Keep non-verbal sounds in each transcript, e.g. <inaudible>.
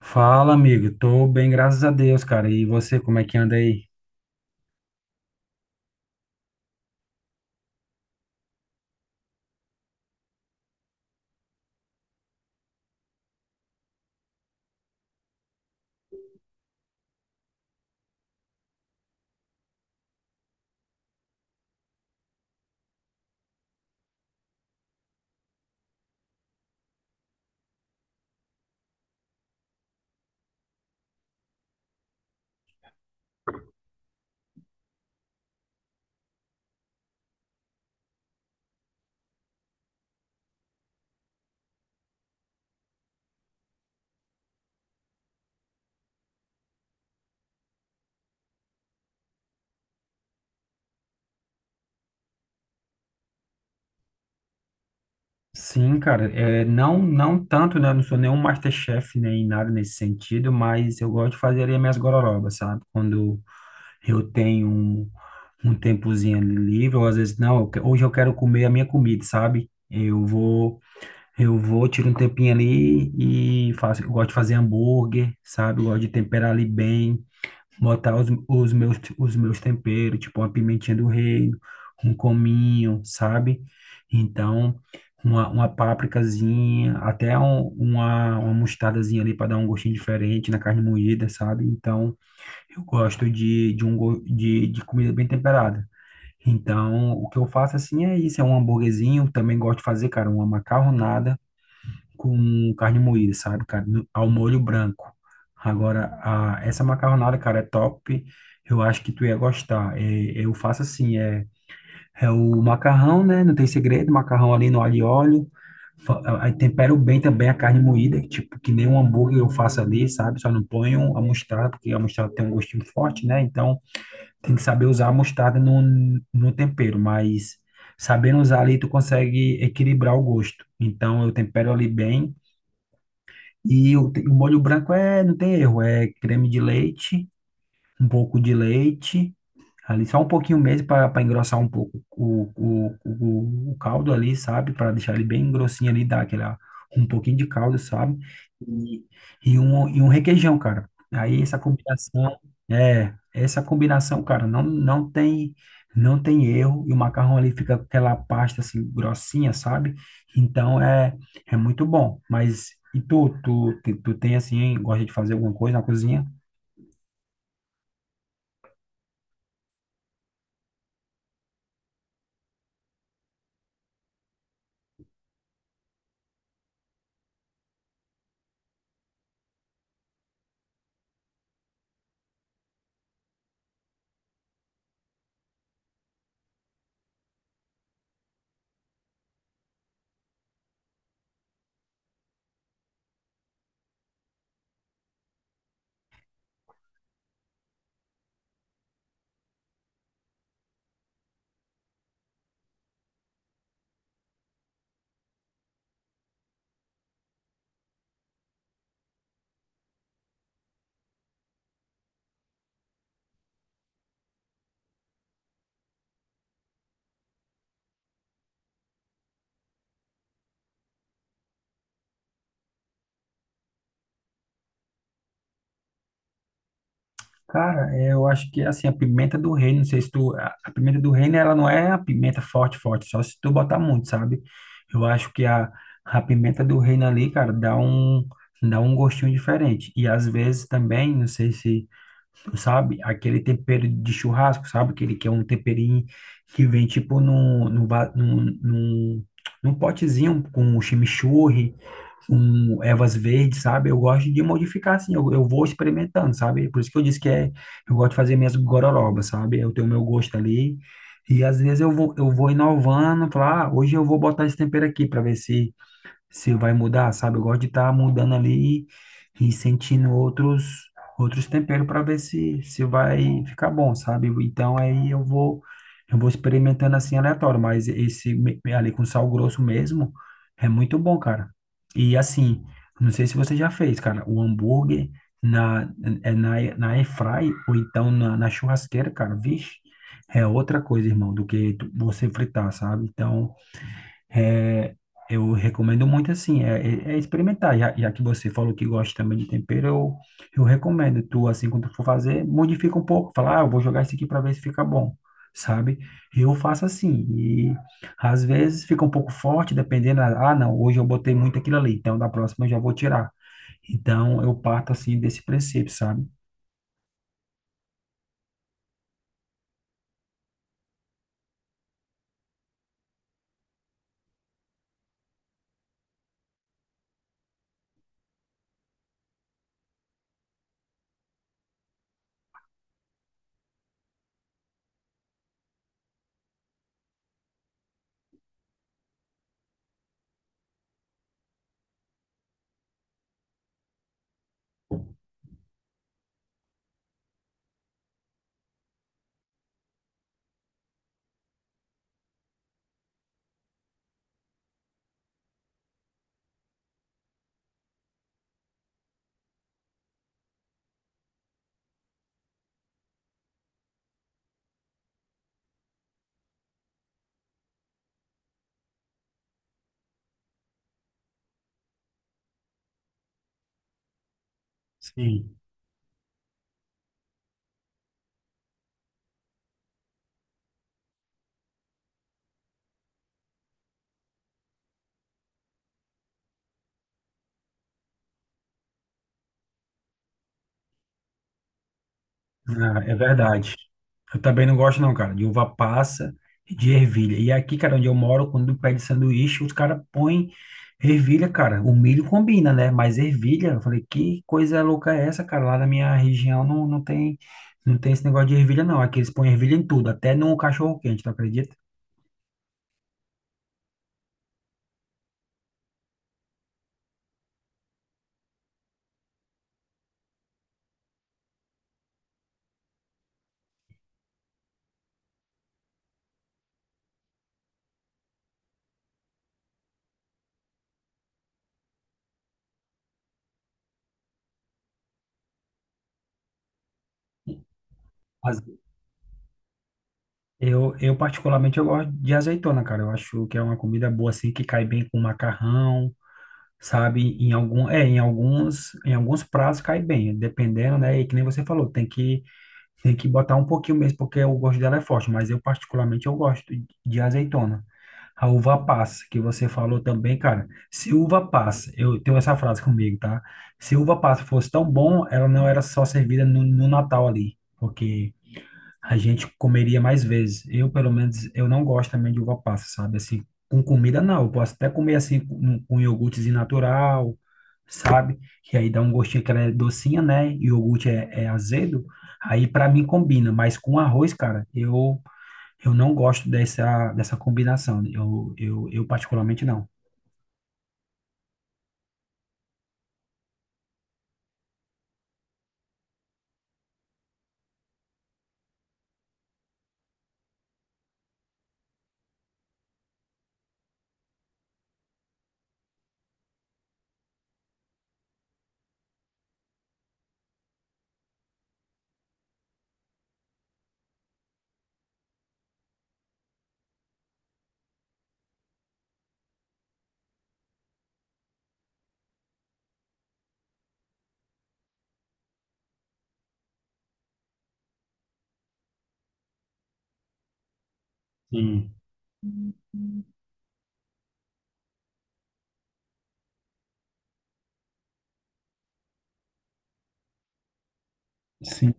Fala, amigo. Tô bem, graças a Deus, cara. E você, como é que anda aí? Sim, cara. É, não, não tanto, né? Eu não sou nenhum MasterChef nem nada nesse sentido, mas eu gosto de fazer ali as minhas gororobas, sabe? Quando eu tenho um tempozinho ali livre, ou às vezes, não, hoje eu quero comer a minha comida, sabe? Eu vou, tiro um tempinho ali e faço. Eu gosto de fazer hambúrguer, sabe? Eu gosto de temperar ali bem. Botar os meus temperos, tipo uma pimentinha do reino, um cominho, sabe? Então, uma pápricazinha, até uma mostardazinha ali para dar um gostinho diferente na carne moída, sabe? Então, eu gosto de, um, go- de comida bem temperada. Então, o que eu faço assim é isso, é um hambúrguerzinho, também gosto de fazer, cara, uma macarronada, com carne moída, sabe, cara? Ao molho branco. Agora, essa macarronada, cara, é top. Eu acho que tu ia gostar. É, eu faço assim, é o macarrão, né? Não tem segredo, macarrão ali no alho e óleo. Aí tempero bem também a carne moída, tipo, que nem um hambúrguer eu faço ali, sabe? Só não ponho a mostarda, porque a mostarda tem um gostinho forte, né? Então, tem que saber usar a mostarda no tempero, mas sabendo usar ali, tu consegue equilibrar o gosto. Então, eu tempero ali bem, e o molho branco é, não tem erro, é creme de leite, um pouco de leite, ali só um pouquinho mesmo para engrossar um pouco o caldo ali, sabe? Para deixar ele bem grossinho ali, dar aquela, um pouquinho de caldo, sabe? E, e um requeijão, cara. Aí essa combinação, é, essa combinação, cara, não tem, não tem erro. E o macarrão ali fica com aquela pasta assim, grossinha, sabe? Então é, é muito bom. Mas e tu tem assim, gosta de fazer alguma coisa na cozinha? Cara, é, eu acho que assim, a pimenta do reino, não sei se tu. A pimenta do reino, ela não é a pimenta forte, forte, só se tu botar muito, sabe? Eu acho que a pimenta do reino ali, cara, dá um gostinho diferente. E às vezes também, não sei se tu sabe, aquele tempero de churrasco, sabe? Aquele que é um temperinho que vem tipo num, num, va- num, num, num potezinho com chimichurri, um ervas verdes, sabe? Eu gosto de modificar assim, eu vou experimentando, sabe? Por isso que eu disse que é, eu gosto de fazer minhas gororobas, sabe? Eu tenho meu gosto ali. E às vezes eu vou inovando, falar, ah, hoje eu vou botar esse tempero aqui para ver se se vai mudar, sabe? Eu gosto de estar mudando ali e sentindo outros outros temperos para ver se se vai ficar bom, sabe? Então aí eu vou experimentando assim aleatório, mas ali com sal grosso mesmo é muito bom, cara. E assim, não sei se você já fez, cara, o hambúrguer na é na air fry ou então na churrasqueira, cara, vixe, é outra coisa, irmão, você fritar, sabe? Então é, eu recomendo muito assim, é experimentar. Já que você falou que gosta também de tempero, eu recomendo. Tu, assim, quando tu for fazer, modifica um pouco. Fala, ah, eu vou jogar isso aqui para ver se fica bom, sabe? Eu faço assim. E às vezes fica um pouco forte, dependendo. Ah, não, hoje eu botei muito aquilo ali, então da próxima eu já vou tirar. Então eu parto assim desse princípio, sabe? Sim. Ah, é verdade. Eu também não gosto, não, cara, de uva passa e de ervilha. E aqui, cara, onde eu moro, quando pede sanduíche, os caras põem ervilha, cara. O milho combina, né? Mas ervilha, eu falei, que coisa louca é essa, cara? Lá na minha região não tem, não tem esse negócio de ervilha, não. Aqui eles põem ervilha em tudo, até no cachorro-quente, tu acredita? Mas particularmente, eu gosto de azeitona, cara. Eu acho que é uma comida boa, assim, que cai bem com macarrão. Sabe? Em algum, é, em alguns prazos cai bem, dependendo, né? E que nem você falou, tem que botar um pouquinho mesmo, porque o gosto dela é forte, mas eu particularmente eu gosto de azeitona. A uva passa, que você falou também, cara. Se uva passa, eu tenho essa frase comigo, tá? Se uva passa fosse tão bom, ela não era só servida no Natal ali, porque a gente comeria mais vezes. Eu, pelo menos, eu não gosto também de uva passa, sabe? Assim, com comida não. Eu posso até comer assim com iogurtezinho natural, sabe? Que aí dá um gostinho que ela é docinha, né? E o iogurte é, é azedo. Aí pra mim combina, mas com arroz, cara, eu não gosto dessa dessa combinação. Eu particularmente não. Sim, sim.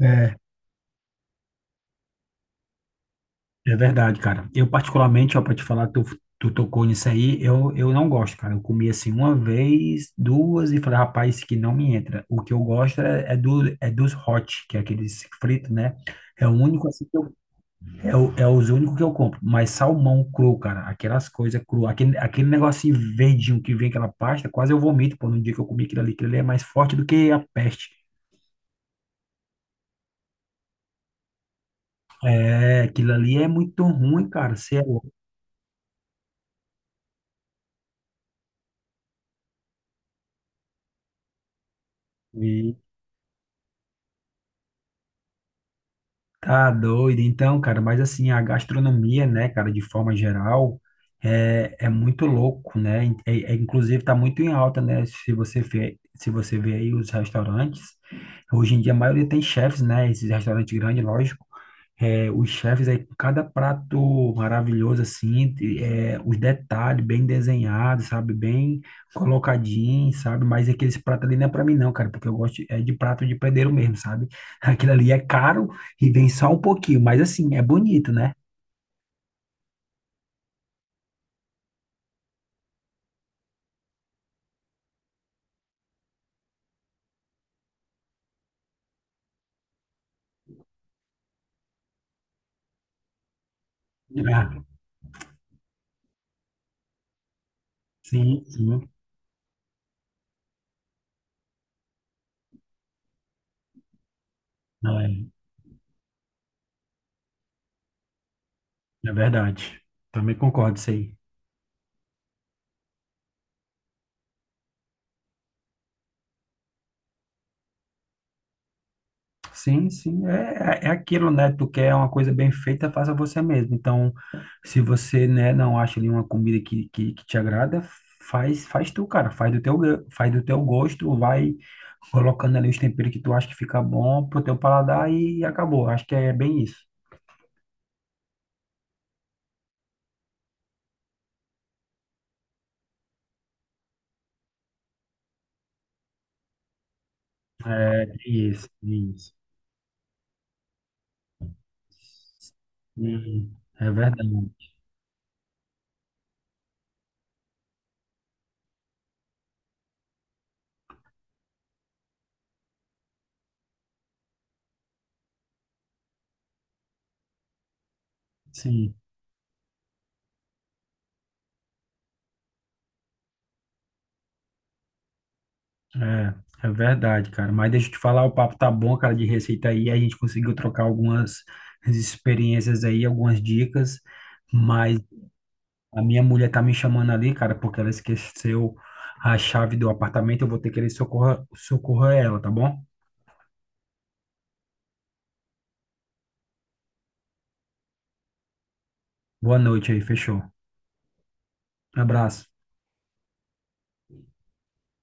É, é verdade, cara. Eu, particularmente, ó, pra te falar, tu, tu tocou nisso aí, eu não gosto, cara. Eu comi assim uma vez, duas, e falei, rapaz, isso aqui não me entra. O que eu gosto é, é dos hot, que é aqueles fritos, né? É o único assim que é os únicos que eu compro. Mas salmão cru, cara, aquelas coisas cru, aquele negocinho verdinho que vem aquela pasta, quase eu vomito, pô, no dia que eu comi aquilo ali é mais forte do que a peste. É, aquilo ali é muito ruim, cara. Você é louco. Tá doido, então, cara, mas assim, a gastronomia, né, cara, de forma geral, é, é muito louco, né? Inclusive, tá muito em alta, né? Se você vê aí os restaurantes, hoje em dia a maioria tem chefes, né? Esses restaurantes grandes, lógico. É, os chefes aí, com cada prato maravilhoso, assim, os detalhes bem desenhados, sabe? Bem colocadinho, sabe? Mas aqueles pratos ali não é pra mim, não, cara, porque eu gosto é de prato de padeiro mesmo, sabe? <laughs> Aquilo ali é caro e vem só um pouquinho, mas assim, é bonito, né? Ah, sim, sim, não é, é verdade. Também concordo isso aí. Sim, sim, é, é aquilo, né? Tu quer uma coisa bem feita, faça você mesmo. Então, se você, né, não acha ali uma comida que te agrada, faz tu, cara. Faz do teu, faz do teu gosto, vai colocando ali os temperos que tu acha que fica bom pro teu paladar e acabou. Acho que é bem isso. É, isso, isso. Sim, é verdade. Sim, é, é verdade, cara. Mas deixa eu te falar, o papo tá bom, cara, de receita aí. A gente conseguiu trocar algumas experiências aí, algumas dicas. Mas a minha mulher tá me chamando ali, cara, porque ela esqueceu a chave do apartamento. Eu vou ter que ir socorrer, socorrer ela, tá bom? Boa noite aí, fechou. Abraço.